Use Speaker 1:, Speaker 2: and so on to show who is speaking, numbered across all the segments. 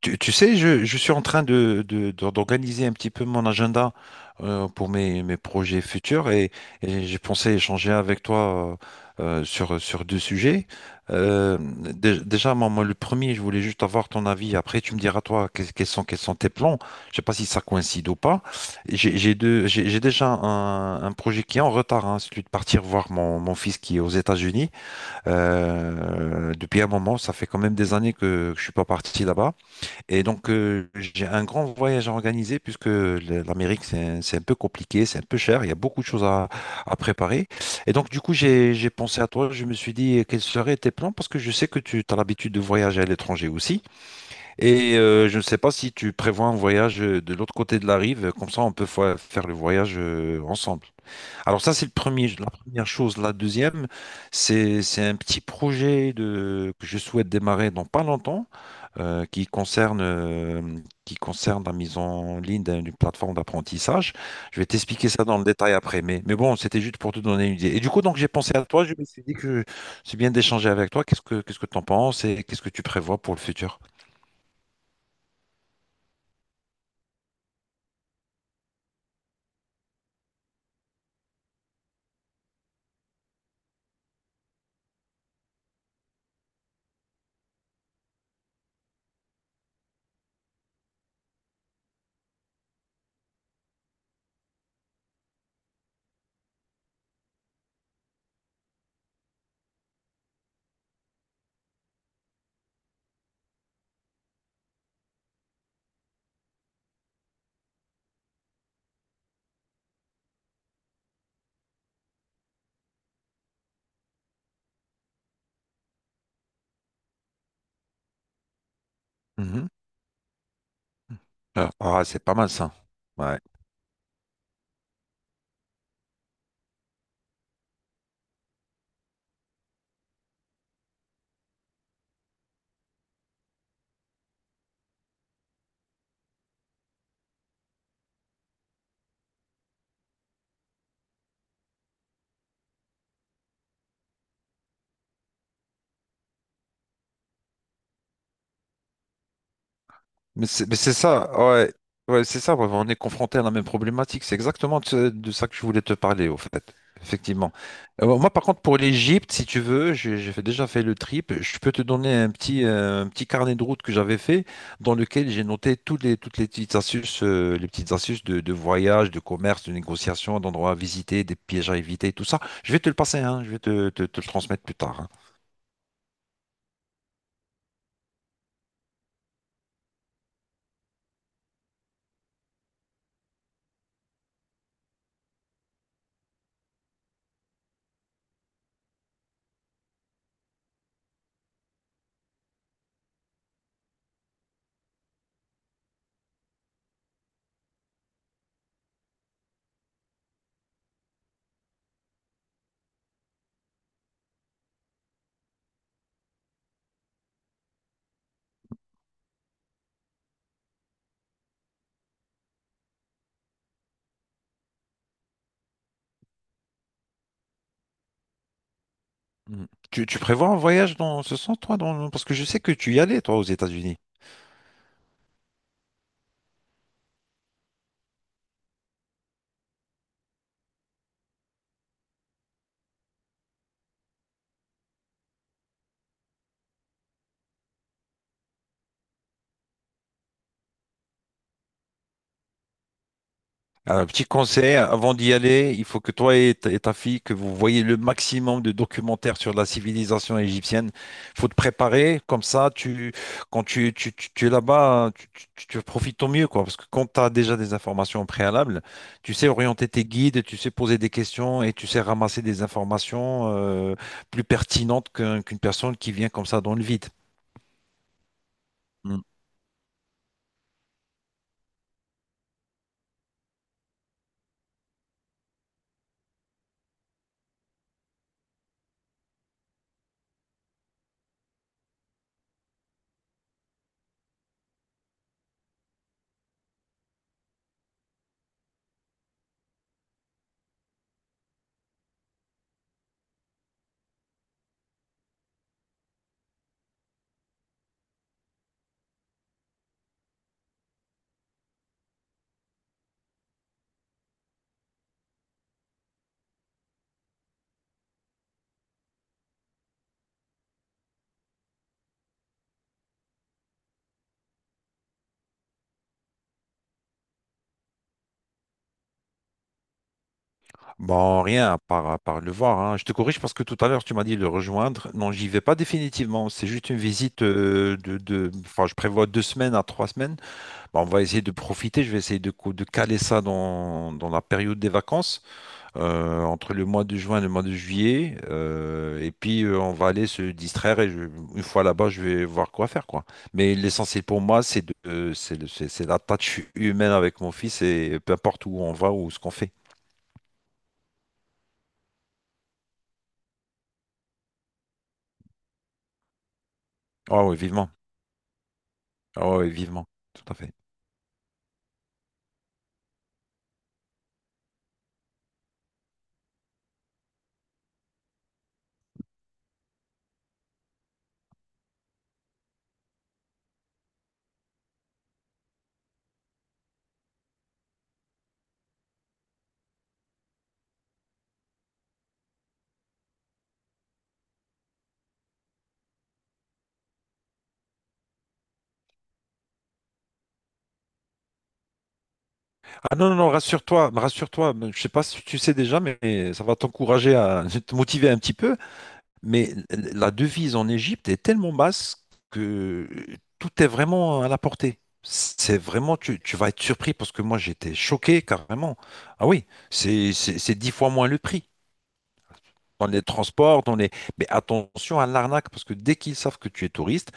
Speaker 1: Tu sais, je suis en train d'organiser un petit peu mon agenda pour mes projets futurs et j'ai pensé échanger avec toi sur deux sujets. Déjà, moi, le premier, je voulais juste avoir ton avis. Après, tu me diras, toi, quels sont tes plans. Je sais pas si ça coïncide ou pas. J'ai déjà un projet qui est en retard, hein, celui de partir voir mon fils qui est aux États-Unis. Depuis un moment, ça fait quand même des années que je suis pas parti là-bas. Et donc, j'ai un grand voyage à organiser puisque l'Amérique, c'est un peu compliqué, c'est un peu cher, il y a beaucoup de choses à préparer. Et donc, du coup, j'ai pensé à toi, je me suis dit, quels seraient tes plans? Parce que je sais que tu as l'habitude de voyager à l'étranger aussi. Et je ne sais pas si tu prévois un voyage de l'autre côté de la rive, comme ça, on peut faire le voyage ensemble. Alors, ça, c'est le premier, la première chose. La deuxième, c'est un petit projet que je souhaite démarrer dans pas longtemps euh, qui concerne, euh, qui concerne la mise en ligne d'une plateforme d'apprentissage. Je vais t'expliquer ça dans le détail après, mais bon, c'était juste pour te donner une idée. Et du coup, donc, j'ai pensé à toi, je me suis dit que c'est bien d'échanger avec toi. Qu'est-ce que tu en penses et qu'est-ce que tu prévois pour le futur? Mhm. Ah, ah, c'est pas mal ça. Ouais. Mais c'est ça, ouais, ouais, c'est ça, ouais, on est confronté à la même problématique. C'est exactement de ça que je voulais te parler, au fait, effectivement. Moi, par contre, pour l'Égypte, si tu veux, déjà fait le trip. Je peux te donner un petit carnet de route que j'avais fait, dans lequel j'ai noté toutes les petites astuces, de voyage, de commerce, de négociation, d'endroits à visiter, des pièges à éviter, tout ça. Je vais te le passer, hein, je vais te le transmettre plus tard, hein. Mm. Tu prévois un voyage dans ce sens, toi, parce que je sais que tu y allais, toi, aux États-Unis. Un petit conseil, avant d'y aller, il faut que toi et ta fille, que vous voyez le maximum de documentaires sur la civilisation égyptienne. Il faut te préparer, comme ça, quand tu es là-bas, hein, tu profites au mieux, quoi. Parce que quand tu as déjà des informations préalables, tu sais orienter tes guides, tu sais poser des questions et tu sais ramasser des informations plus pertinentes qu'une personne qui vient comme ça dans le vide. Mm. Bon, rien, à part le voir, hein. Je te corrige parce que tout à l'heure, tu m'as dit de le rejoindre. Non, j'y vais pas définitivement. C'est juste une visite enfin, je prévois 2 semaines à 3 semaines. Bon, on va essayer de profiter. Je vais essayer de caler ça dans la période des vacances, entre le mois de juin et le mois de juillet. Et puis, on va aller se distraire. Une fois là-bas, je vais voir quoi faire, quoi. Mais l'essentiel pour moi, c'est de, c'est, le- c'est la tâche humaine avec mon fils et peu importe où on va ou ce qu'on fait. Ah oui, vivement. Ah ouais, vivement, tout à fait. Ah non, non, non, rassure-toi. Je sais pas si tu sais déjà, mais ça va t'encourager à te motiver un petit peu. Mais la devise en Égypte est tellement basse que tout est vraiment à la portée. C'est vraiment, tu vas être surpris parce que moi j'étais choqué carrément. Ah oui, c'est 10 fois moins le prix. On les transporte, on les... Mais attention à l'arnaque, parce que dès qu'ils savent que tu es touriste,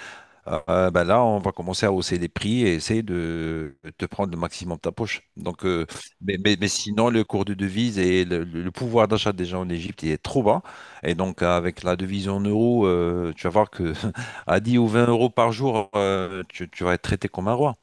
Speaker 1: bah là, on va commencer à hausser les prix et essayer de te prendre le maximum de ta poche. Mais sinon, le cours de devise et le pouvoir d'achat des gens en Égypte, il est trop bas. Et donc, avec la devise en euros, tu vas voir que à 10 ou 20 € par jour, tu vas être traité comme un roi.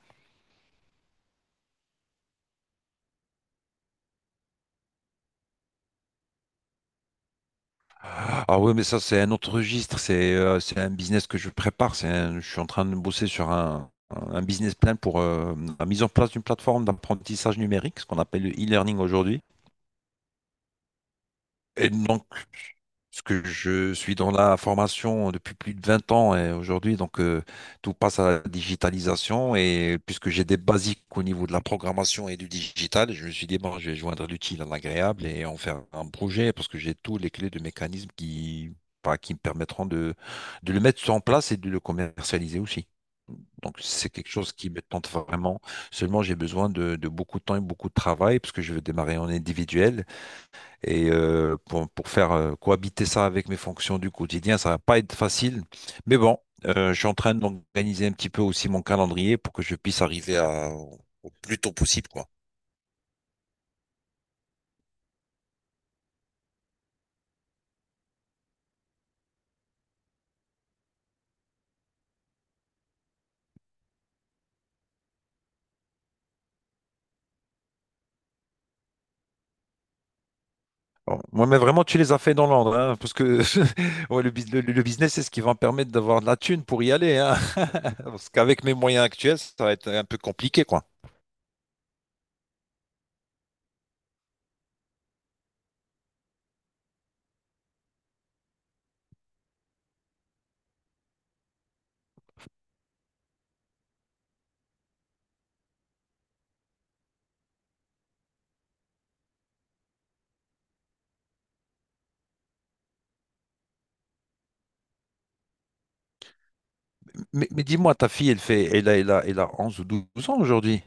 Speaker 1: Ah oui, mais ça, c'est un autre registre. C'est un business que je prépare. Je suis en train de bosser sur un business plan pour la mise en place d'une plateforme d'apprentissage numérique, ce qu'on appelle le e-learning aujourd'hui. Et donc, parce que je suis dans la formation depuis plus de 20 ans et aujourd'hui, donc tout passe à la digitalisation et puisque j'ai des basiques au niveau de la programmation et du digital, je me suis dit, bon, je vais joindre l'utile à l'agréable et en faire un projet parce que j'ai tous les clés de mécanismes qui, bah, qui me permettront de le mettre en place et de le commercialiser aussi. Donc, c'est quelque chose qui me tente vraiment. Seulement, j'ai besoin de beaucoup de temps et beaucoup de travail parce que je veux démarrer en individuel et pour faire cohabiter ça avec mes fonctions du quotidien, ça va pas être facile. Mais bon, je suis en train d'organiser un petit peu aussi mon calendrier pour que je puisse arriver au plus tôt possible, quoi. Bon, moi, mais vraiment, tu les as fait dans l'ordre, hein, parce que ouais, le business, c'est ce qui va me permettre d'avoir de la thune pour y aller, hein. Parce qu'avec mes moyens actuels, ça va être un peu compliqué, quoi. Mais dis-moi, ta fille, elle fait, elle a, elle a, elle a 11 ou 12 ans aujourd'hui.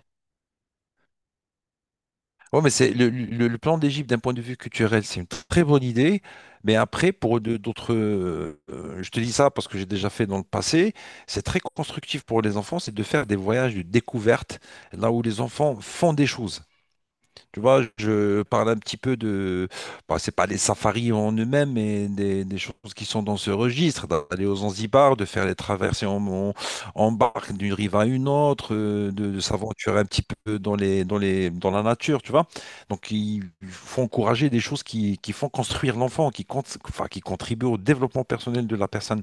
Speaker 1: Ouais, mais c'est le plan d'Égypte d'un point de vue culturel, c'est une très bonne idée. Mais après, pour d'autres, je te dis ça parce que j'ai déjà fait dans le passé, c'est très constructif pour les enfants, c'est de faire des voyages de découverte, là où les enfants font des choses. Tu vois, je parle un petit peu bah, c'est pas des safaris en eux-mêmes, mais des choses qui sont dans ce registre, d'aller aux Zanzibar, de faire les traversées en barque d'une rive à une autre, de s'aventurer un petit peu dans dans la nature, tu vois. Donc, il faut encourager des choses qui font construire l'enfant, qui contribuent au développement personnel de la personne,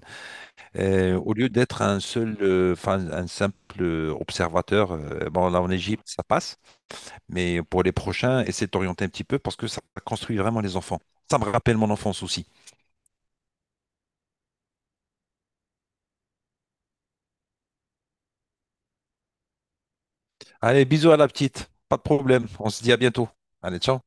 Speaker 1: Au lieu d'être un simple observateur. Bon, là, en Égypte, ça passe. Mais pour les prochains, essaie de t'orienter un petit peu parce que ça construit vraiment les enfants. Ça me rappelle mon enfance aussi. Allez, bisous à la petite. Pas de problème. On se dit à bientôt. Allez, ciao.